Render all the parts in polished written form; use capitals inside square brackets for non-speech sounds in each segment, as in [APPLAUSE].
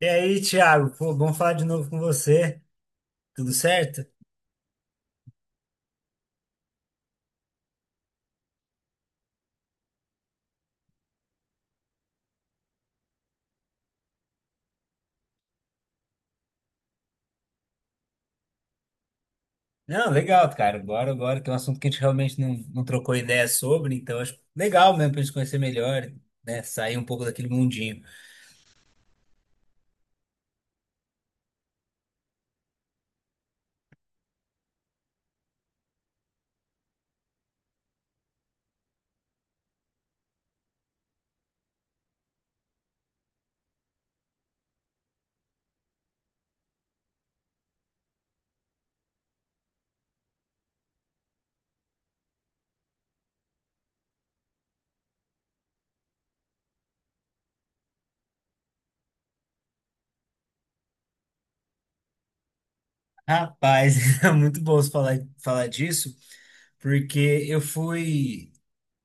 E aí, Thiago, pô, bom falar de novo com você. Tudo certo? Não, legal, cara. Bora, bora, que é um assunto que a gente realmente não trocou ideia sobre, então acho legal mesmo pra gente conhecer melhor, né? Sair um pouco daquele mundinho. Rapaz, [LAUGHS] é muito bom você falar disso, porque eu fui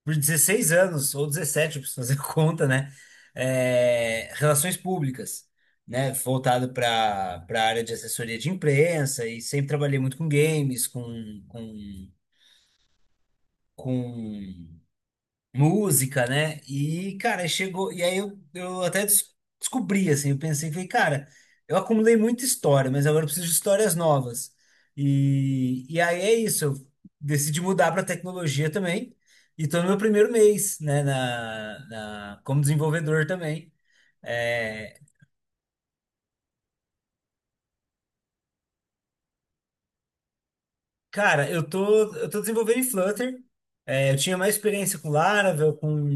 por 16 anos, ou 17, eu preciso fazer [LAUGHS] conta, né? É, relações públicas. Né, voltado para a área de assessoria de imprensa e sempre trabalhei muito com games, com com música, né? E, cara, chegou. E aí eu até descobri, assim, eu pensei, falei, cara, eu acumulei muita história, mas agora eu preciso de histórias novas. E aí é isso, eu decidi mudar para tecnologia também. E tô no meu primeiro mês, né, como desenvolvedor também. É, cara, eu tô desenvolvendo em Flutter. É, eu tinha mais experiência com Laravel, com...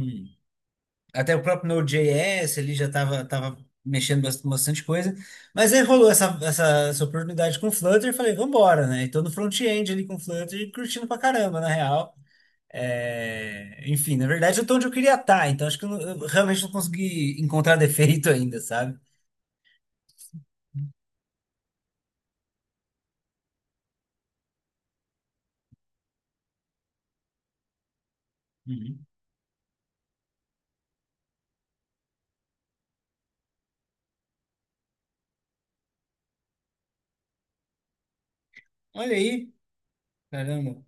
Até o próprio Node.js ali já estava tava tava mexendo bastante coisa. Mas aí rolou essa oportunidade com o Flutter e falei, vambora, né? E tô no front-end ali com o Flutter e curtindo pra caramba, na real. É, enfim, na verdade eu tô onde eu queria estar, então acho que eu realmente não consegui encontrar defeito ainda, sabe? Uhum. Olha aí, caramba.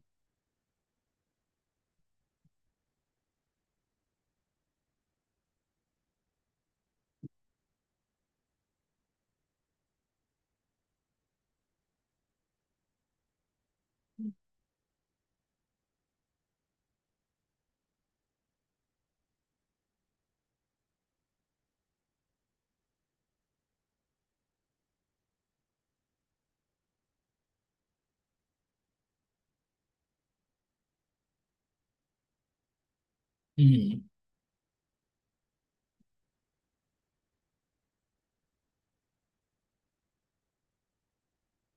Uhum.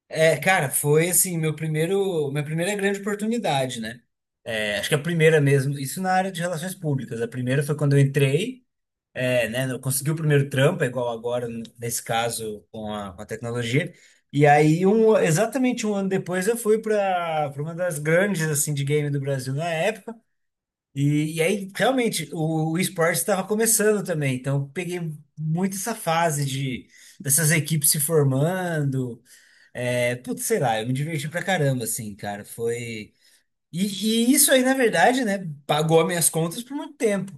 É, cara, foi assim, minha primeira grande oportunidade, né? É, acho que a primeira mesmo, isso na área de relações públicas. A primeira foi quando eu entrei. É, né? Não conseguiu o primeiro trampo, é igual agora, nesse caso, com a tecnologia. E aí, um, exatamente um ano depois, eu fui para uma das grandes, assim, de game do Brasil na época. E aí, realmente, o esporte estava começando também. Então, eu peguei muito essa fase de dessas equipes se formando. É, putz, sei lá, eu me diverti pra caramba, assim, cara. Foi. E isso aí, na verdade, né, pagou minhas contas por muito tempo.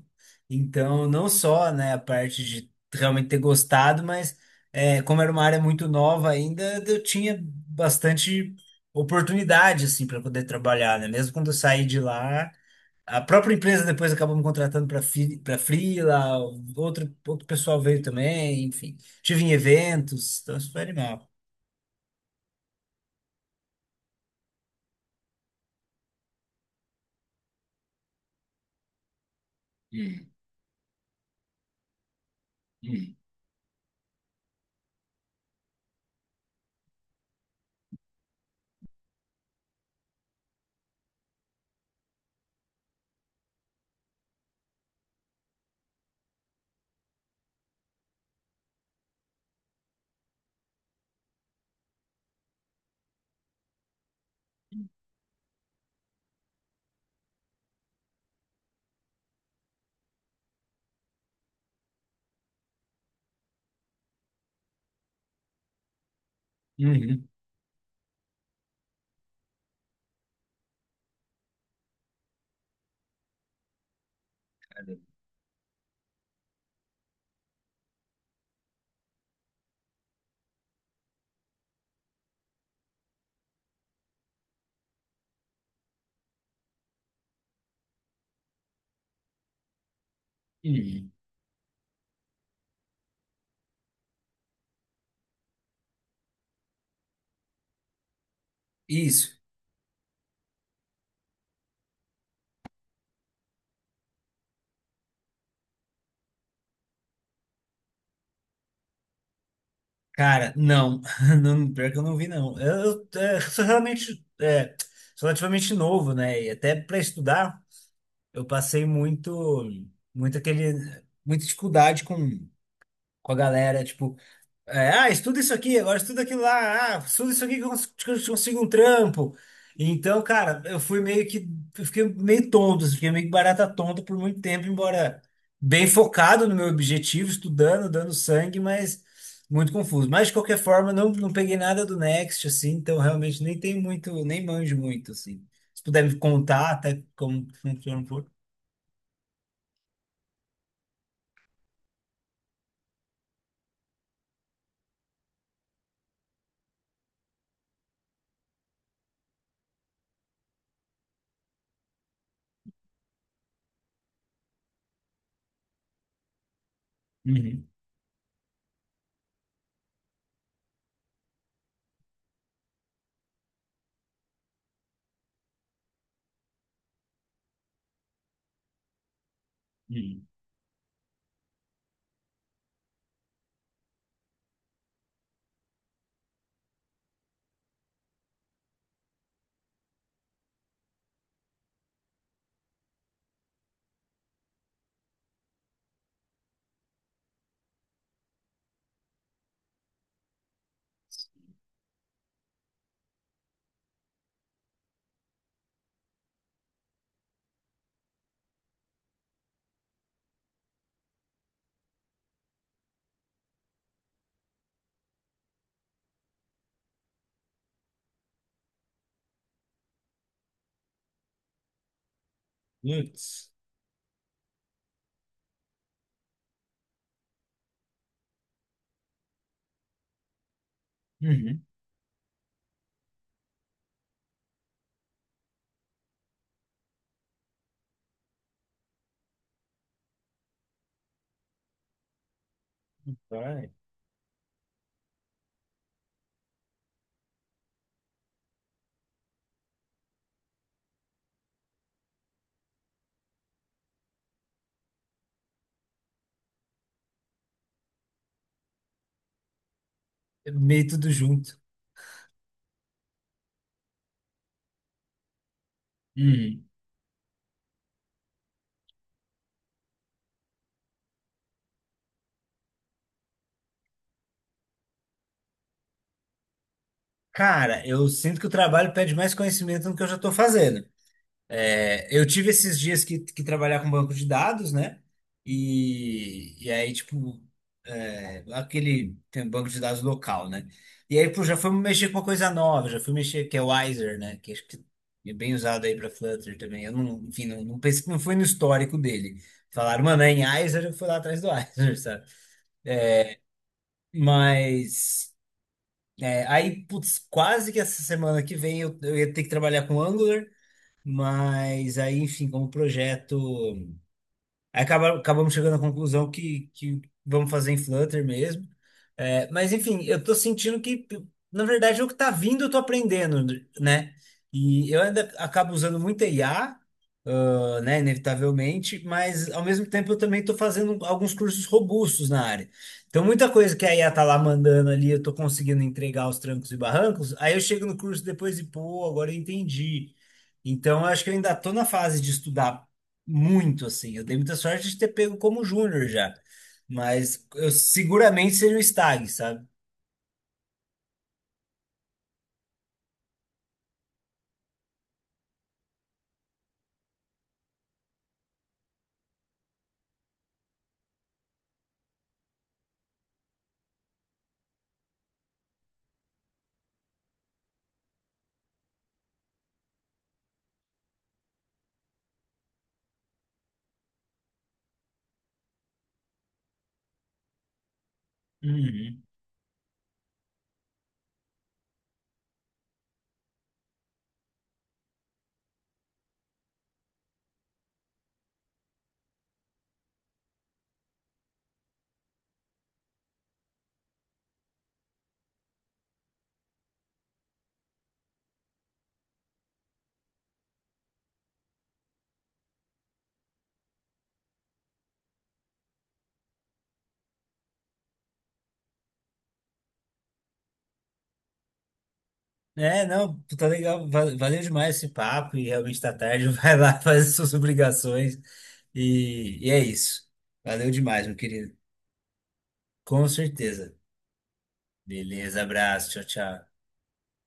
Então, não só, né, a parte de realmente ter gostado, mas é, como era uma área muito nova ainda, eu tinha bastante oportunidade, assim, para poder trabalhar, né? Mesmo quando eu saí de lá, a própria empresa depois acabou me contratando para freela, outro pessoal veio também, enfim. Tive em eventos, então isso foi animal. Uhum. Uhum. Uhum. Isso. Cara, não. [LAUGHS] Não, pior que eu não vi, não. Sou realmente sou relativamente novo, né? E até para estudar, eu muito muita dificuldade com a galera. Tipo, é, ah, estuda isso aqui, agora estuda aquilo lá, ah, estuda isso aqui que eu que eu consigo um trampo. Então, cara, eu fiquei meio tonto, assim, fiquei meio que barata tonta por muito tempo, embora bem focado no meu objetivo, estudando, dando sangue, mas muito confuso. Mas, de qualquer forma, não, não peguei nada do Next, assim, então realmente nem tem muito, nem manjo muito, assim. Se puder me contar até como funciona um pouco. Uhum, uhum. Putz. Uhum. Vai. Meio tudo junto. Uhum. Cara, eu sinto que o trabalho pede mais conhecimento do que eu já estou fazendo. É, eu tive esses dias que trabalhar com banco de dados, né? E aí, tipo, é, aquele tem um banco de dados local, né? E aí, pô, já fui mexer com uma coisa nova, já fui mexer, que é o Wiser, né? Que acho que é bem usado aí para Flutter também. Eu não, enfim, não pensei, não foi no histórico dele. Falaram, mano, é em Wiser, eu fui lá atrás do [LAUGHS] Wiser, sabe? Mas, é, aí, putz, quase que essa semana que vem eu ia ter que trabalhar com Angular. Mas aí, enfim, como projeto, aí acabamos chegando à conclusão que vamos fazer em Flutter mesmo. É, mas, enfim, eu tô sentindo que, na verdade, o que tá vindo eu tô aprendendo, né? E eu ainda acabo usando muito I a IA, né, inevitavelmente, mas ao mesmo tempo eu também estou fazendo alguns cursos robustos na área. Então, muita coisa que a IA tá lá mandando ali, eu estou conseguindo entregar aos trancos e barrancos, aí eu chego no curso depois e, pô, agora eu entendi. Então, eu acho que eu ainda estou na fase de estudar muito, assim. Eu dei muita sorte de ter pego como júnior já, mas eu seguramente seria o estágio sabe? Uhum. É, não, tá legal. Valeu demais esse papo e realmente tá tarde. [LAUGHS] Vai lá fazer suas obrigações. E é isso. Valeu demais, meu querido. Com certeza. Beleza, abraço. Tchau, tchau.